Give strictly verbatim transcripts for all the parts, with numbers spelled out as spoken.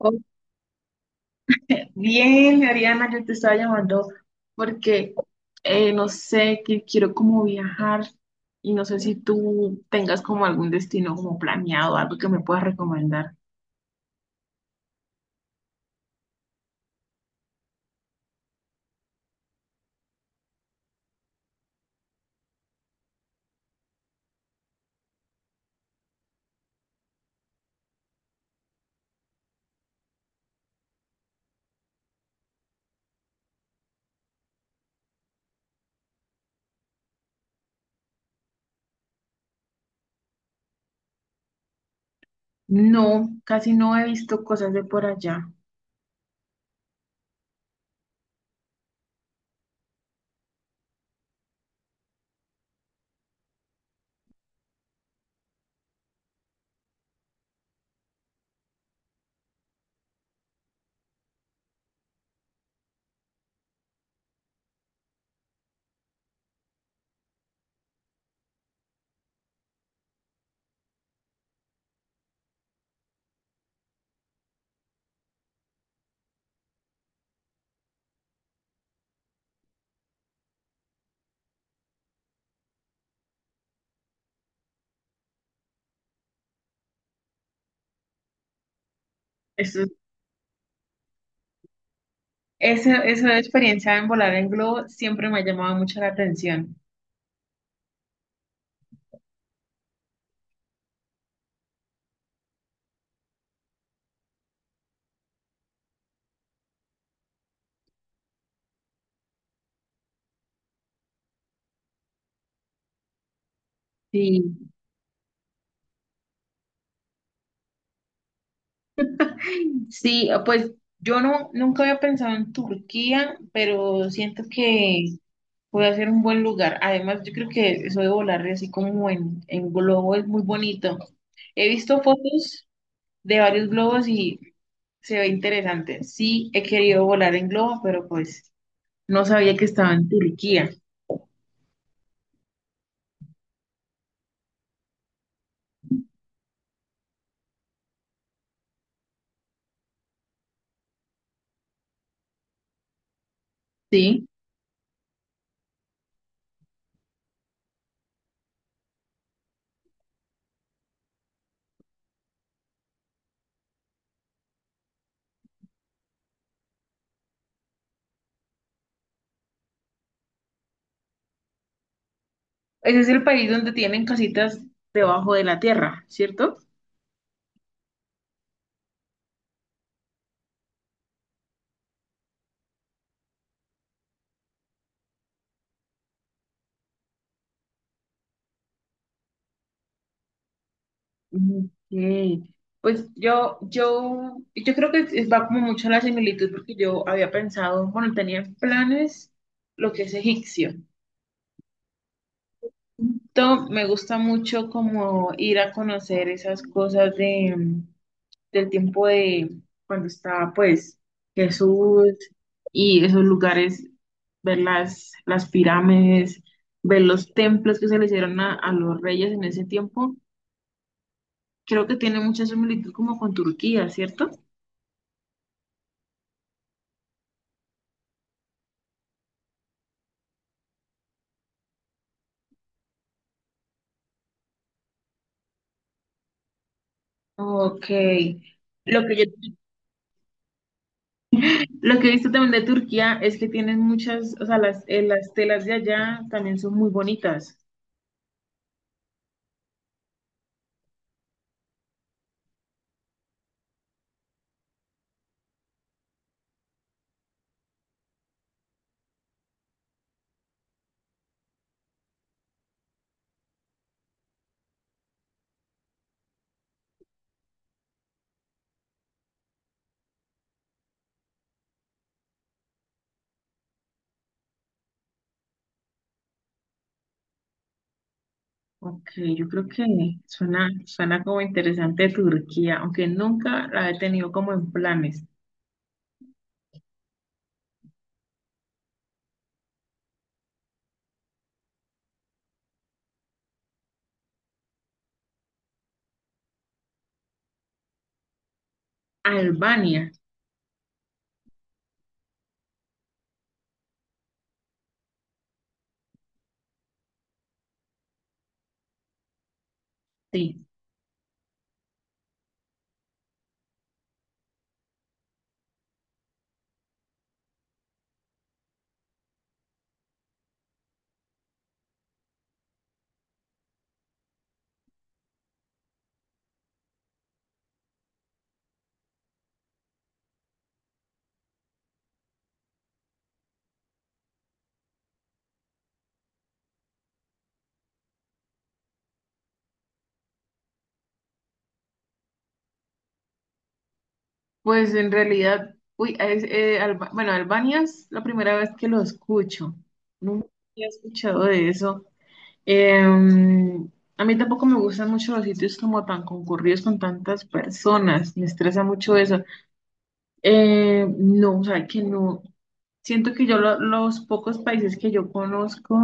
Oh, bien, Ariana, yo te estaba llamando porque eh, no sé, que quiero como viajar y no sé si tú tengas como algún destino como planeado, algo que me puedas recomendar. No, casi no he visto cosas de por allá. Eso, esa, esa experiencia en volar en globo siempre me ha llamado mucho la atención. Sí. Sí, pues yo no, nunca había pensado en Turquía, pero siento que puede ser un buen lugar. Además, yo creo que eso de volar así como en, en globo es muy bonito. He visto fotos de varios globos y se ve interesante. Sí, he querido volar en globo, pero pues no sabía que estaba en Turquía. Sí, ese es el país donde tienen casitas debajo de la tierra, ¿cierto? Ok. Pues yo, yo, yo creo que es- va como mucho a la similitud porque yo había pensado, bueno, tenía en planes lo que es egipcio. Entonces, me gusta mucho como ir a conocer esas cosas de, del tiempo de cuando estaba pues Jesús y esos lugares, ver las, las pirámides, ver los templos que se le hicieron a, a los reyes en ese tiempo. Creo que tiene mucha similitud como con Turquía, ¿cierto? Ok. Lo que yo, lo que he visto también de Turquía es que tienen muchas, o sea, las, eh, las telas de allá también son muy bonitas. Ok, yo creo que suena, suena como interesante Turquía, aunque nunca la he tenido como en planes. Albania, sí. Pues en realidad, uy, es, eh, Alba- bueno, Albania es la primera vez que lo escucho. Nunca había escuchado de eso. Em, a mí tampoco me gustan mucho los sitios como tan concurridos con tantas personas, me estresa mucho eso. Eh, no, o sea, que no, siento que yo lo- los pocos países que yo conozco,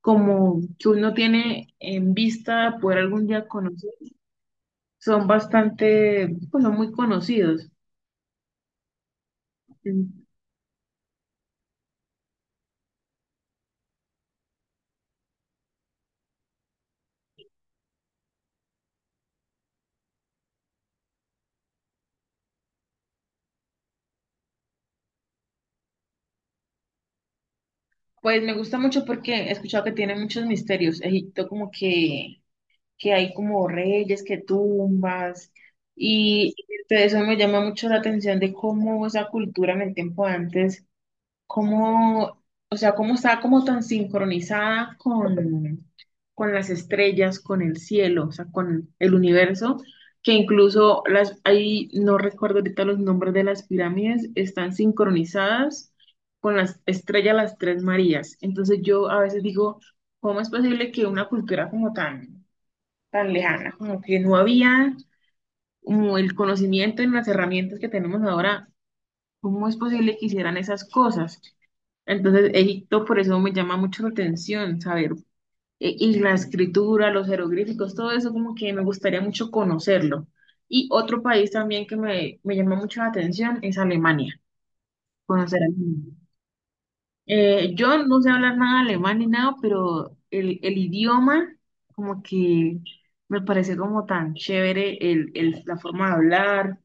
como que uno tiene en vista poder algún día conocer, son bastante, pues son muy conocidos. Mm. Pues me gusta mucho porque he escuchado que tiene muchos misterios. Egipto como que que hay como reyes, que tumbas, y eso me llama mucho la atención de cómo esa cultura en el tiempo de antes, cómo, o sea, cómo estaba como tan sincronizada con, con las estrellas, con el cielo, o sea, con el universo, que incluso las, ahí no recuerdo ahorita los nombres de las pirámides, están sincronizadas con las estrellas, las tres Marías. Entonces yo a veces digo, ¿cómo es posible que una cultura como tan tan lejana, como que no había como el conocimiento en las herramientas que tenemos ahora, cómo es posible que hicieran esas cosas? Entonces, Egipto por eso me llama mucho la atención saber, e- y la escritura, los jeroglíficos, todo eso como que me gustaría mucho conocerlo. Y otro país también que me, me llama mucho la atención es Alemania, conocer Alemania. Eh, yo no sé hablar nada alemán ni nada, pero el, el idioma como que me parece como tan chévere el, el- la forma de hablar.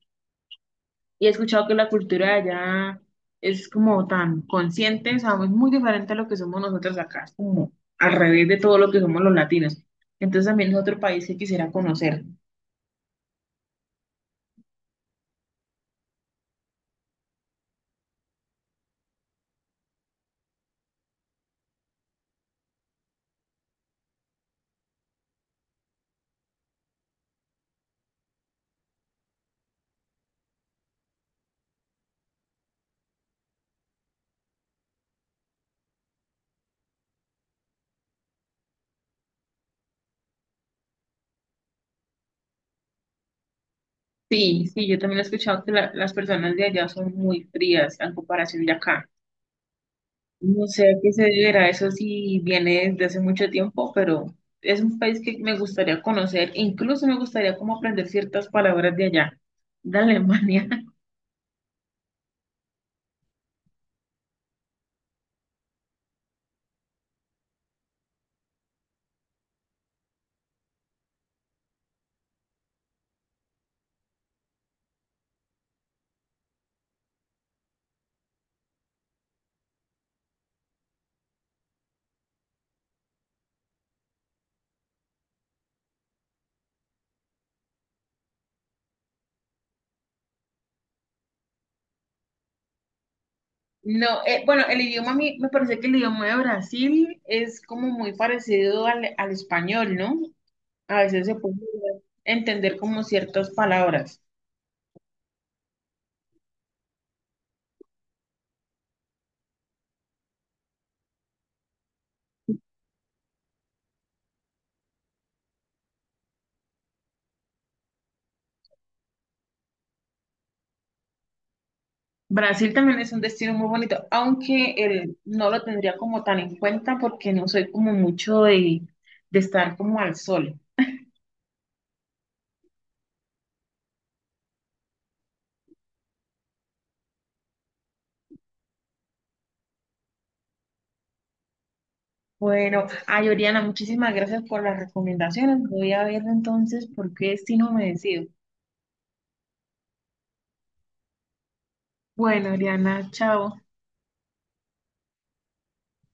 Y he escuchado que la cultura de allá es como tan consciente, o sea, es muy diferente a lo que somos nosotros acá, es como al revés de todo lo que somos los latinos. Entonces también es otro país que quisiera conocer. Sí, sí, yo también he escuchado que la- las personas de allá son muy frías en comparación de acá. No sé a qué se deberá, eso sí viene desde hace mucho tiempo, pero es un país que me gustaría conocer, e incluso me gustaría como aprender ciertas palabras de allá, de Alemania. No, eh, bueno, el idioma a mí me parece que el idioma de Brasil es como muy parecido al, al español, ¿no? A veces se puede entender como ciertas palabras. Brasil también es un destino muy bonito, aunque el, no lo tendría como tan en cuenta porque no soy como mucho de, de estar como al sol. Bueno, ay, Oriana, muchísimas gracias por las recomendaciones. Voy a ver entonces por qué si no me decido. Bueno, Oriana, chao.